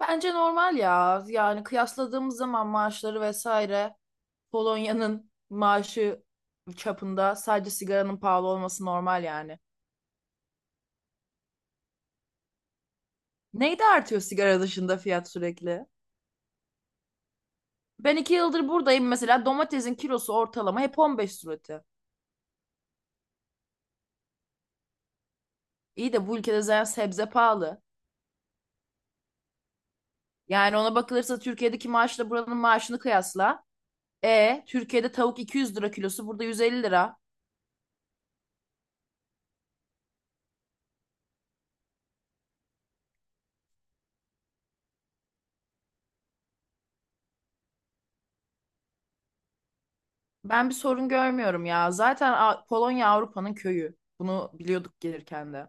Bence normal ya. Yani kıyasladığımız zaman maaşları vesaire Polonya'nın maaşı çapında sadece sigaranın pahalı olması normal yani. Neydi artıyor sigara dışında fiyat sürekli? Ben iki yıldır buradayım, mesela domatesin kilosu ortalama hep 15 zloty. İyi de bu ülkede zaten sebze pahalı. Yani ona bakılırsa Türkiye'deki maaşla buranın maaşını kıyasla. E, Türkiye'de tavuk 200 lira kilosu, burada 150 lira. Ben bir sorun görmüyorum ya. Zaten Polonya Avrupa'nın köyü. Bunu biliyorduk gelirken de.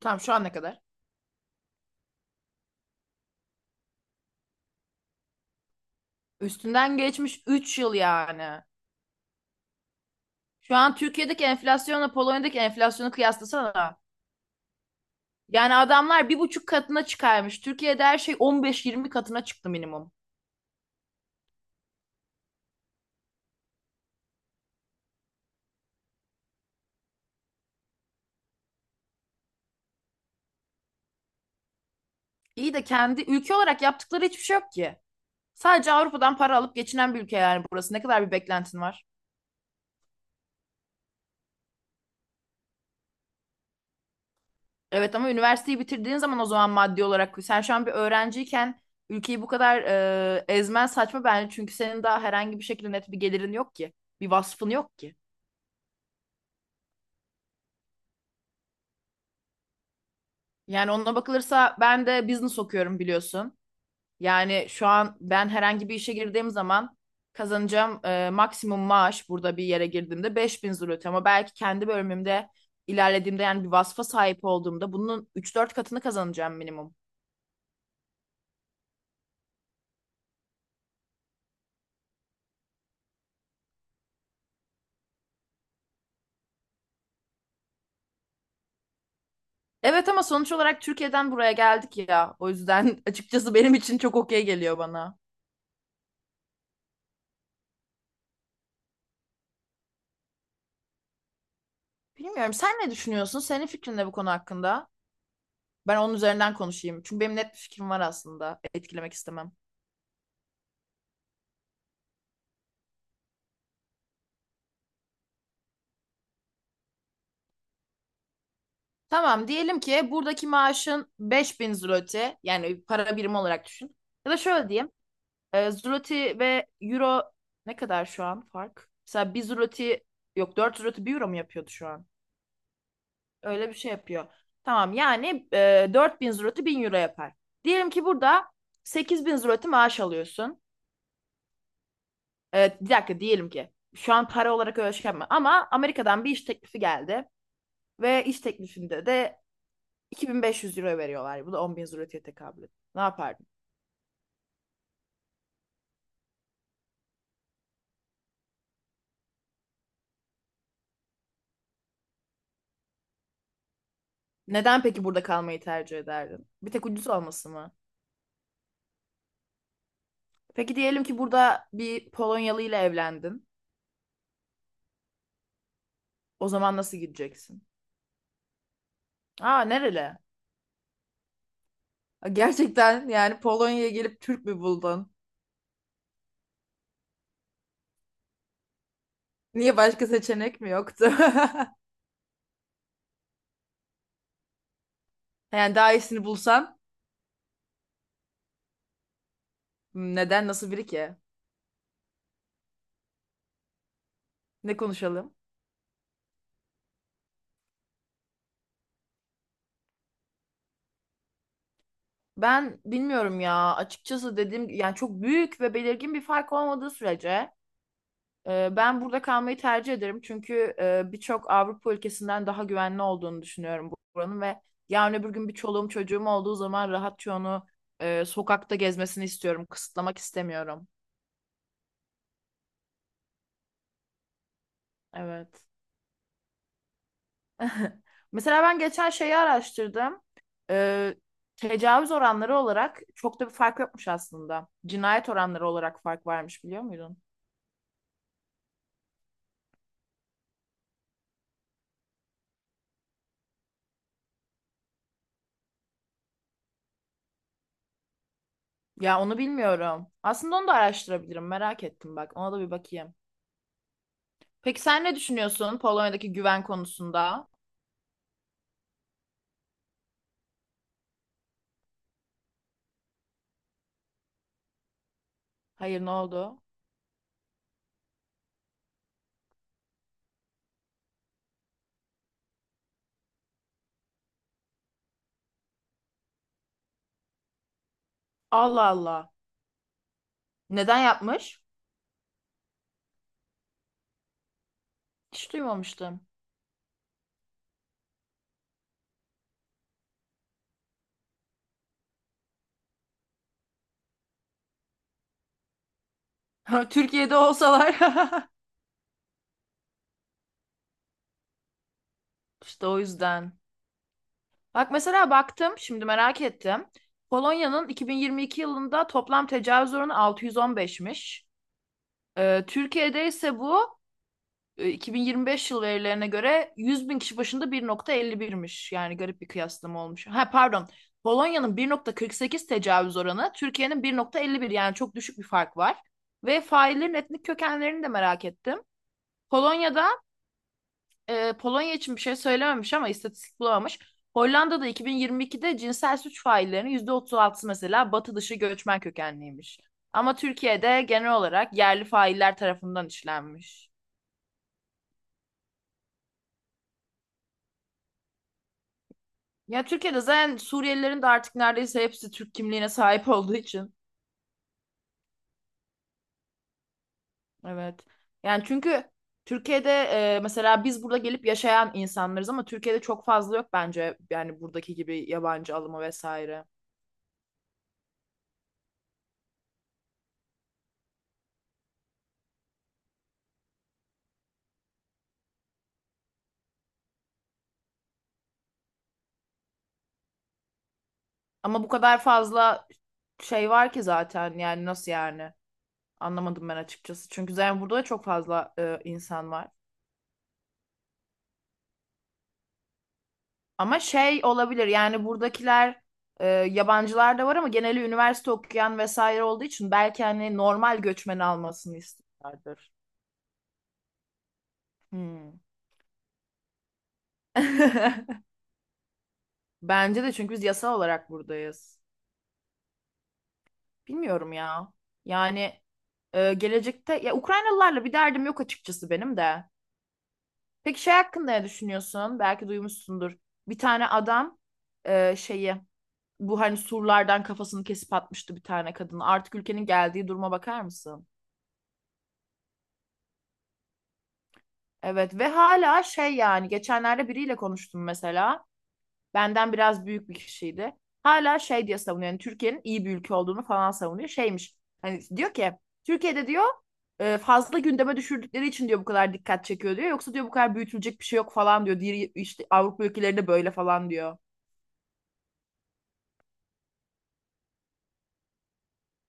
Tamam, şu an ne kadar? Üstünden geçmiş 3 yıl yani. Şu an Türkiye'deki enflasyonla Polonya'daki enflasyonu kıyaslasana. Yani adamlar bir buçuk katına çıkarmış. Türkiye'de her şey 15-20 katına çıktı minimum. İyi de kendi ülke olarak yaptıkları hiçbir şey yok ki. Sadece Avrupa'dan para alıp geçinen bir ülke yani burası. Ne kadar bir beklentin var? Evet ama üniversiteyi bitirdiğin zaman, o zaman maddi olarak, sen şu an bir öğrenciyken ülkeyi bu kadar ezmen saçma bence, çünkü senin daha herhangi bir şekilde net bir gelirin yok ki. Bir vasfın yok ki. Yani ona bakılırsa ben de business okuyorum, biliyorsun. Yani şu an ben herhangi bir işe girdiğim zaman kazanacağım maksimum maaş burada bir yere girdiğimde 5.000 zloty, ama belki kendi bölümümde ilerlediğimde, yani bir vasfa sahip olduğumda, bunun 3-4 katını kazanacağım minimum. Evet ama sonuç olarak Türkiye'den buraya geldik ya. O yüzden açıkçası benim için çok okey geliyor bana. Bilmiyorum, sen ne düşünüyorsun? Senin fikrin ne bu konu hakkında? Ben onun üzerinden konuşayım. Çünkü benim net bir fikrim var aslında. Etkilemek istemem. Tamam, diyelim ki buradaki maaşın 5.000 zloty, yani para birimi olarak düşün. Ya da şöyle diyeyim. Zloty ve euro ne kadar şu an fark? Mesela 1 zloty, yok, 4 zloty 1 euro mu yapıyordu şu an? Öyle bir şey yapıyor. Tamam yani, 4.000 zloty 1.000 euro yapar. Diyelim ki burada 8.000 zloty maaş alıyorsun. Bir dakika, diyelim ki şu an para olarak öyle şey yapma. Ama Amerika'dan bir iş teklifi geldi. Ve iş teklifinde de 2.500 euro veriyorlar. Bu da 10.000 zloty'ye tekabül ediyor. Ne yapardın? Neden peki burada kalmayı tercih ederdin? Bir tek ucuz olması mı? Peki diyelim ki burada bir Polonyalı ile evlendin. O zaman nasıl gideceksin? Aa, nereli? Gerçekten yani Polonya'ya gelip Türk mü buldun? Niye, başka seçenek mi yoktu? Yani daha iyisini bulsan neden, nasıl biri ki? Ne konuşalım? Ben bilmiyorum ya. Açıkçası dediğim, yani çok büyük ve belirgin bir fark olmadığı sürece ben burada kalmayı tercih ederim. Çünkü birçok Avrupa ülkesinden daha güvenli olduğunu düşünüyorum buranın ve yarın öbür gün bir çoluğum çocuğum olduğu zaman rahatça onu sokakta gezmesini istiyorum. Kısıtlamak istemiyorum. Evet. Mesela ben geçen şeyi araştırdım. Ee, Tecavüz oranları olarak çok da bir fark yokmuş aslında. Cinayet oranları olarak fark varmış, biliyor muydun? Ya onu bilmiyorum. Aslında onu da araştırabilirim. Merak ettim bak. Ona da bir bakayım. Peki sen ne düşünüyorsun Polonya'daki güven konusunda? Hayır, ne oldu? Allah Allah. Neden yapmış? Hiç duymamıştım. Türkiye'de olsalar. İşte o yüzden. Bak mesela, baktım şimdi, merak ettim. Polonya'nın 2022 yılında toplam tecavüz oranı 615'miş. Türkiye'de ise bu 2025 yıl verilerine göre 100 bin kişi başında 1,51'miş. Yani garip bir kıyaslama olmuş. Ha pardon. Polonya'nın 1,48 tecavüz oranı, Türkiye'nin 1,51, yani çok düşük bir fark var. Ve faillerin etnik kökenlerini de merak ettim. Polonya'da, Polonya için bir şey söylememiş ama istatistik bulamamış. Hollanda'da 2022'de cinsel suç faillerinin %36'sı mesela batı dışı göçmen kökenliymiş. Ama Türkiye'de genel olarak yerli failler tarafından işlenmiş. Ya Türkiye'de zaten Suriyelilerin de artık neredeyse hepsi Türk kimliğine sahip olduğu için. Evet. Yani çünkü Türkiye'de, mesela biz burada gelip yaşayan insanlarız ama Türkiye'de çok fazla yok bence, yani buradaki gibi yabancı alımı vesaire. Ama bu kadar fazla şey var ki zaten, yani nasıl, yani anlamadım ben açıkçası. Çünkü zaten burada da çok fazla insan var. Ama şey olabilir, yani buradakiler yabancılar da var ama geneli üniversite okuyan vesaire olduğu için belki hani normal göçmen almasını istiyorlardır. Hmm. Bence de, çünkü biz yasal olarak buradayız. Bilmiyorum ya. Yani gelecekte, ya Ukraynalılarla bir derdim yok açıkçası benim de. Peki şey hakkında ne düşünüyorsun? Belki duymuşsundur. Bir tane adam şeyi, bu hani surlardan kafasını kesip atmıştı bir tane kadın. Artık ülkenin geldiği duruma bakar mısın? Evet ve hala şey, yani geçenlerde biriyle konuştum mesela. Benden biraz büyük bir kişiydi. Hala şey diye savunuyor. Yani Türkiye'nin iyi bir ülke olduğunu falan savunuyor. Şeymiş hani, diyor ki Türkiye'de diyor, fazla gündeme düşürdükleri için diyor bu kadar dikkat çekiyor diyor. Yoksa diyor bu kadar büyütülecek bir şey yok falan diyor. Diğer işte Avrupa ülkelerinde böyle falan diyor.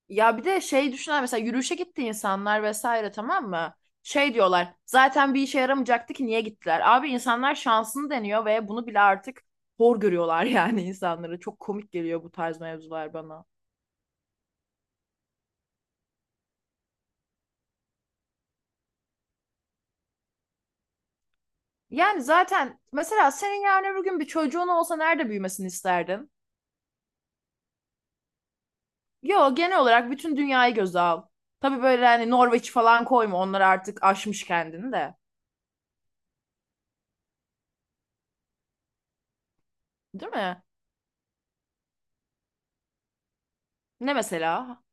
Ya bir de şey düşünen, mesela yürüyüşe gitti insanlar vesaire, tamam mı? Şey diyorlar, zaten bir işe yaramayacaktı ki niye gittiler? Abi insanlar şansını deniyor ve bunu bile artık hor görüyorlar, yani insanları. Çok komik geliyor bu tarz mevzular bana. Yani zaten mesela senin yarın öbür gün bir çocuğun olsa nerede büyümesini isterdin? Yo, genel olarak bütün dünyayı göze al. Tabii böyle hani Norveç falan koyma, onlar artık aşmış kendini de. Değil mi? Ne mesela?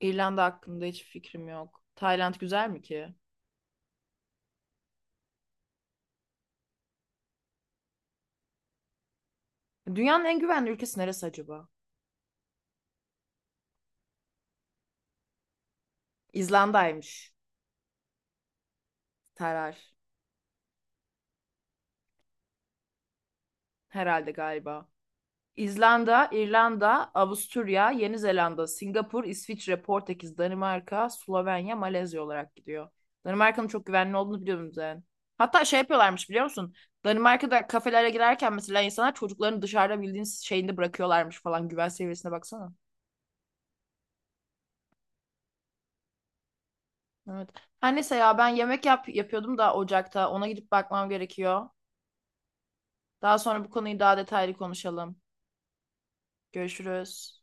İrlanda hakkında hiç fikrim yok. Tayland güzel mi ki? Dünyanın en güvenli ülkesi neresi acaba? İzlanda'ymış. Terar. Herhalde, galiba. İzlanda, İrlanda, Avusturya, Yeni Zelanda, Singapur, İsviçre, Portekiz, Danimarka, Slovenya, Malezya olarak gidiyor. Danimarka'nın çok güvenli olduğunu biliyorum zaten. Hatta şey yapıyorlarmış, biliyor musun? Danimarka'da kafelere girerken mesela insanlar çocuklarını dışarıda bildiğiniz şeyinde bırakıyorlarmış falan. Güven seviyesine baksana. Evet. Her neyse ya, ben yemek yapıyordum da ocakta. Ona gidip bakmam gerekiyor. Daha sonra bu konuyu daha detaylı konuşalım. Görüşürüz.